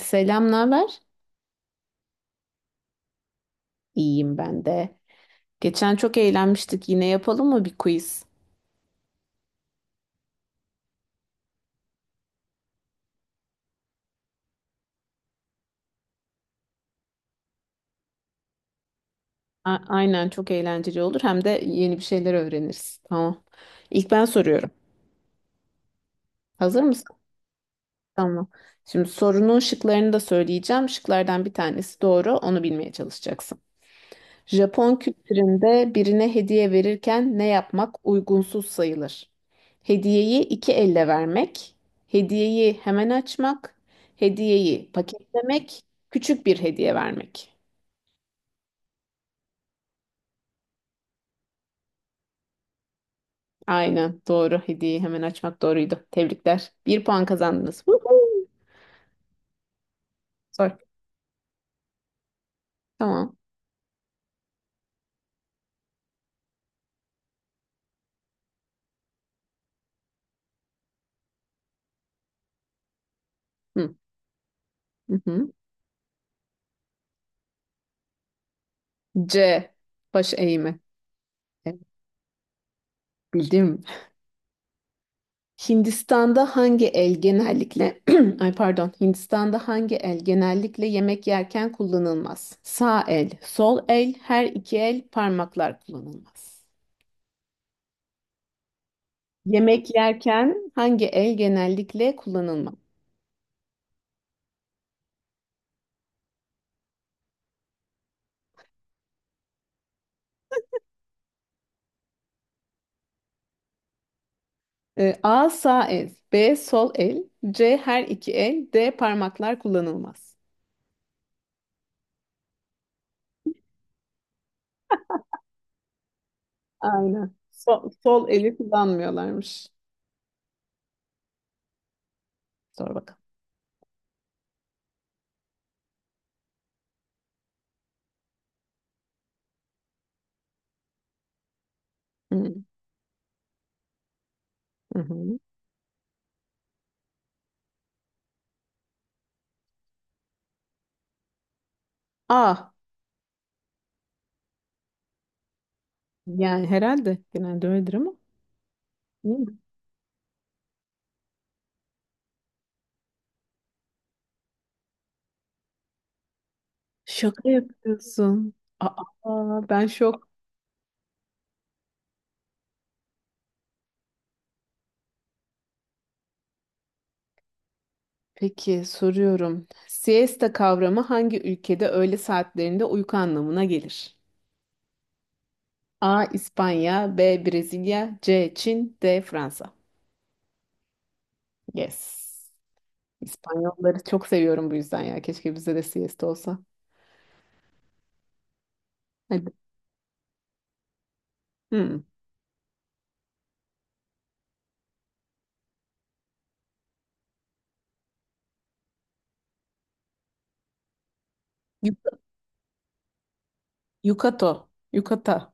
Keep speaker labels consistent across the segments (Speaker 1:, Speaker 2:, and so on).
Speaker 1: Selam, ne haber? İyiyim ben de. Geçen çok eğlenmiştik. Yine yapalım mı bir quiz? Aynen çok eğlenceli olur. Hem de yeni bir şeyler öğreniriz. Tamam. İlk ben soruyorum. Hazır mısın? Tamam. Şimdi sorunun şıklarını da söyleyeceğim. Şıklardan bir tanesi doğru. Onu bilmeye çalışacaksın. Japon kültüründe birine hediye verirken ne yapmak uygunsuz sayılır? Hediyeyi iki elle vermek, hediyeyi hemen açmak, hediyeyi paketlemek, küçük bir hediye vermek. Aynen doğru. Hediyeyi hemen açmak doğruydu. Tebrikler. Bir puan kazandınız. Woohoo! Sor. Tamam. Hı. Hı hı. C. Baş eğimi. Evet, bildim. Hindistan'da hangi el genellikle ay pardon Hindistan'da hangi el genellikle yemek yerken kullanılmaz? Sağ el, sol el, her iki el parmaklar kullanılmaz. Yemek yerken hangi el genellikle kullanılmaz? A sağ el, B sol el, C her iki el, D parmaklar kullanılmaz. Aynen. Sol eli kullanmıyorlarmış. Sor bakalım. Hı hı. Hı. A, yani herhalde genelde öyledir ama. Şaka yapıyorsun. Aa, ben şok. Peki soruyorum. Siesta kavramı hangi ülkede öğle saatlerinde uyku anlamına gelir? A. İspanya, B. Brezilya, C. Çin, D. Fransa. Yes. İspanyolları çok seviyorum bu yüzden ya. Keşke bizde de siesta olsa. Hadi. Hmm. Yuk- Yukato. Yukata.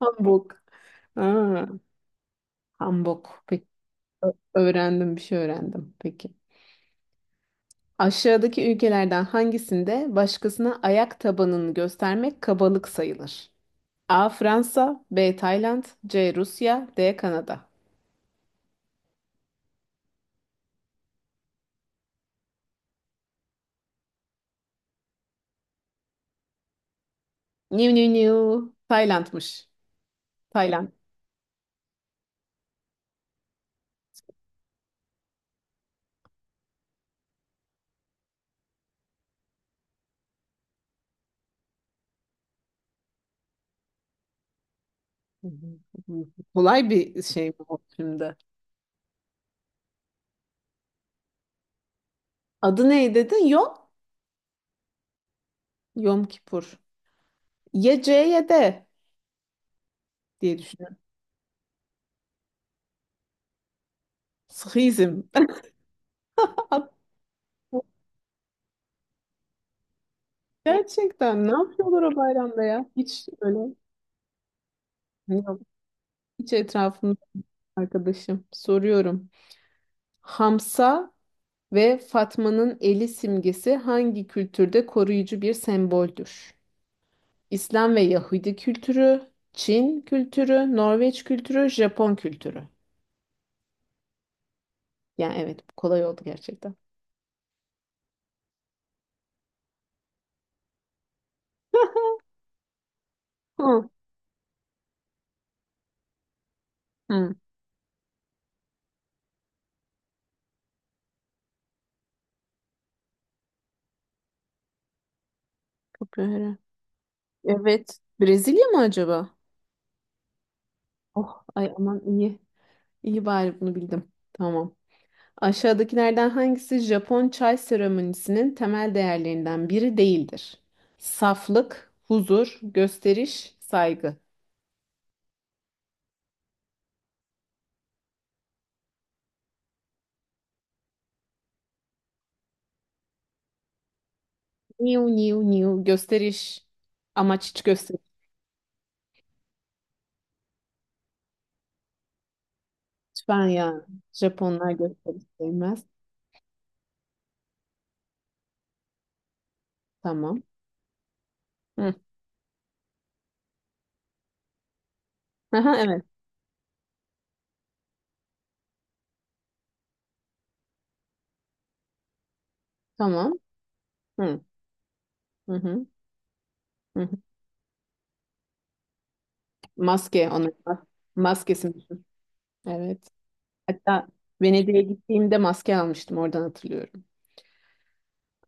Speaker 1: Hamburg. Aa, Hamburg. Peki. Öğrendim, bir şey öğrendim. Peki. Aşağıdaki ülkelerden hangisinde başkasına ayak tabanını göstermek kabalık sayılır? A. Fransa, B. Tayland, C. Rusya, D. Kanada. New new new. Tayland'mış. Tayland. Hı hı. Kolay bir şey mi bu şimdi? Adı ne dedin? Yom? Yom Kipur. Ya C ya D diye düşünüyorum. Sıhizm. Gerçekten ne yapıyorlar o bayramda ya? Hiç öyle. Yok. Hiç etrafımda arkadaşım. Soruyorum. Hamsa ve Fatma'nın eli simgesi hangi kültürde koruyucu bir semboldür? İslam ve Yahudi kültürü, Çin kültürü, Norveç kültürü, Japon kültürü. Yani evet, bu kolay oldu gerçekten. Hı. Hı. Çok öyle. Evet. Brezilya mı acaba? Oh ay aman iyi. İyi bari bunu bildim. Tamam. Aşağıdakilerden hangisi Japon çay seremonisinin temel değerlerinden biri değildir? Saflık, huzur, gösteriş, saygı. Niu niu niu gösteriş. Amaç hiç gösteriş. Ben ya. Japonlar gösteriş sevmez. Tamam. Hı. Aha, evet. Tamam. Hı. Hı hı. Hı hı. Maske onun mas- maskesi. Meşhur. Evet. Hatta Venedik'e gittiğimde maske almıştım. Oradan hatırlıyorum.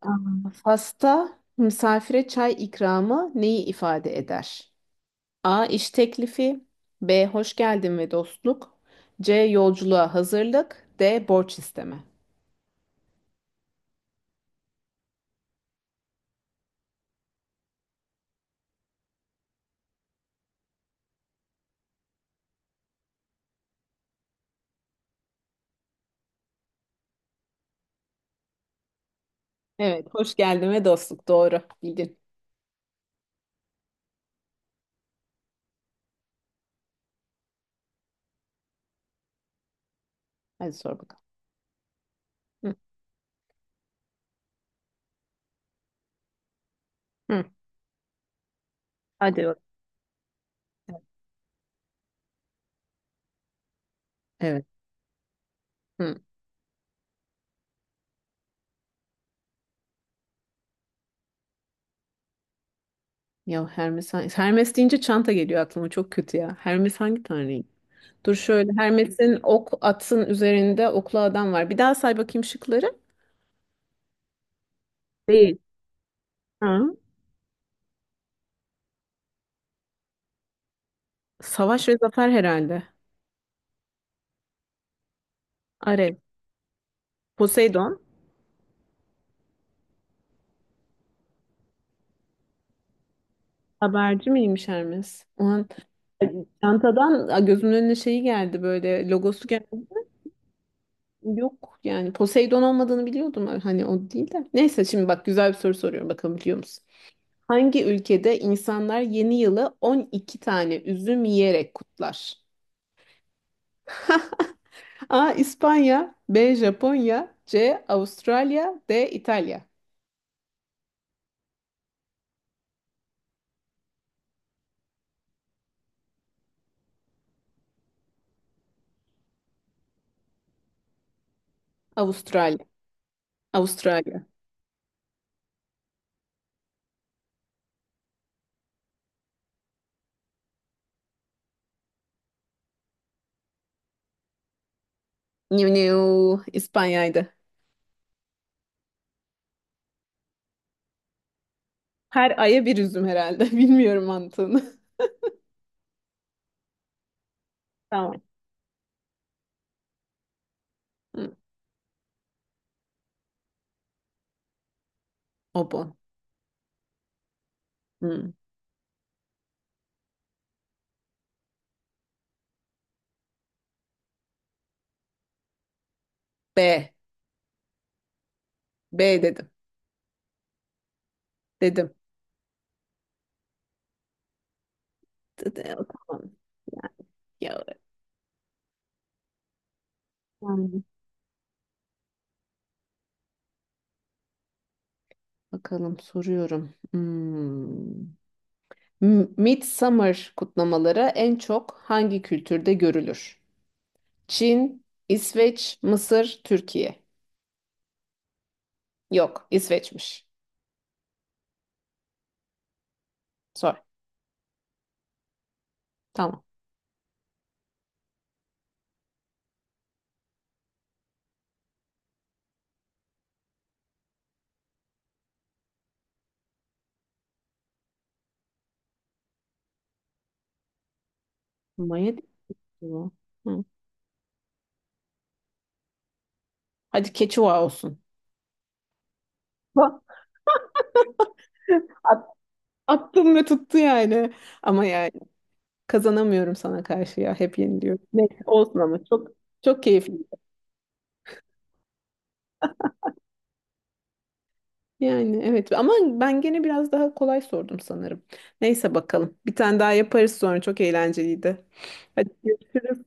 Speaker 1: Aa, Fas'ta misafire çay ikramı neyi ifade eder? A. İş teklifi. B. Hoş geldin ve dostluk. C. Yolculuğa hazırlık. D. Borç isteme. Evet, hoş geldin ve dostluk. Doğru. Bildin. Hadi sor bakalım. Hı. Hı. Hadi. Bakalım. Evet. Hı. Ya Hermes, Hermes deyince çanta geliyor aklıma, çok kötü ya. Hermes hangi tanrıyım? Dur, şöyle Hermes'in ok atın üzerinde oklu adam var. Bir daha say bakayım şıkları. Değil. Ha. Savaş ve zafer herhalde. Ares. Poseidon. Haberci miymiş Hermes? O an çantadan gözümün önüne şeyi geldi, böyle logosu geldi. Yok yani, Poseidon olmadığını biliyordum, hani o değil de. Neyse, şimdi bak, güzel bir soru soruyorum, bakalım biliyor musun? Hangi ülkede insanlar yeni yılı 12 tane üzüm yiyerek kutlar? A. İspanya. B. Japonya. C. Avustralya. D. İtalya. Avustralya Avustralya. Avralya, İspanya'ydı. Her aya bir üzüm herhalde. Bilmiyorum mantığını. Tamam. Hı. O bu. Hı. B. B dedim. Dedim. D- d- Tamam. Ya, ya- Tamam. Bakalım, soruyorum. Hmm. Midsummer kutlamaları en çok hangi kültürde görülür? Çin, İsveç, Mısır, Türkiye. Yok, İsveç'miş. Sor. Tamam. Maya değil mi bu? Hı. Hadi Keçuva olsun. Bak, attım ve tuttu yani. Ama yani kazanamıyorum sana karşı ya. Hep yeniliyorum. Neyse olsun, ama çok çok keyifli. Yani evet, ama ben gene biraz daha kolay sordum sanırım. Neyse bakalım. Bir tane daha yaparız sonra. Çok eğlenceliydi. Hadi görüşürüz.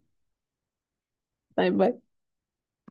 Speaker 1: Bay bay.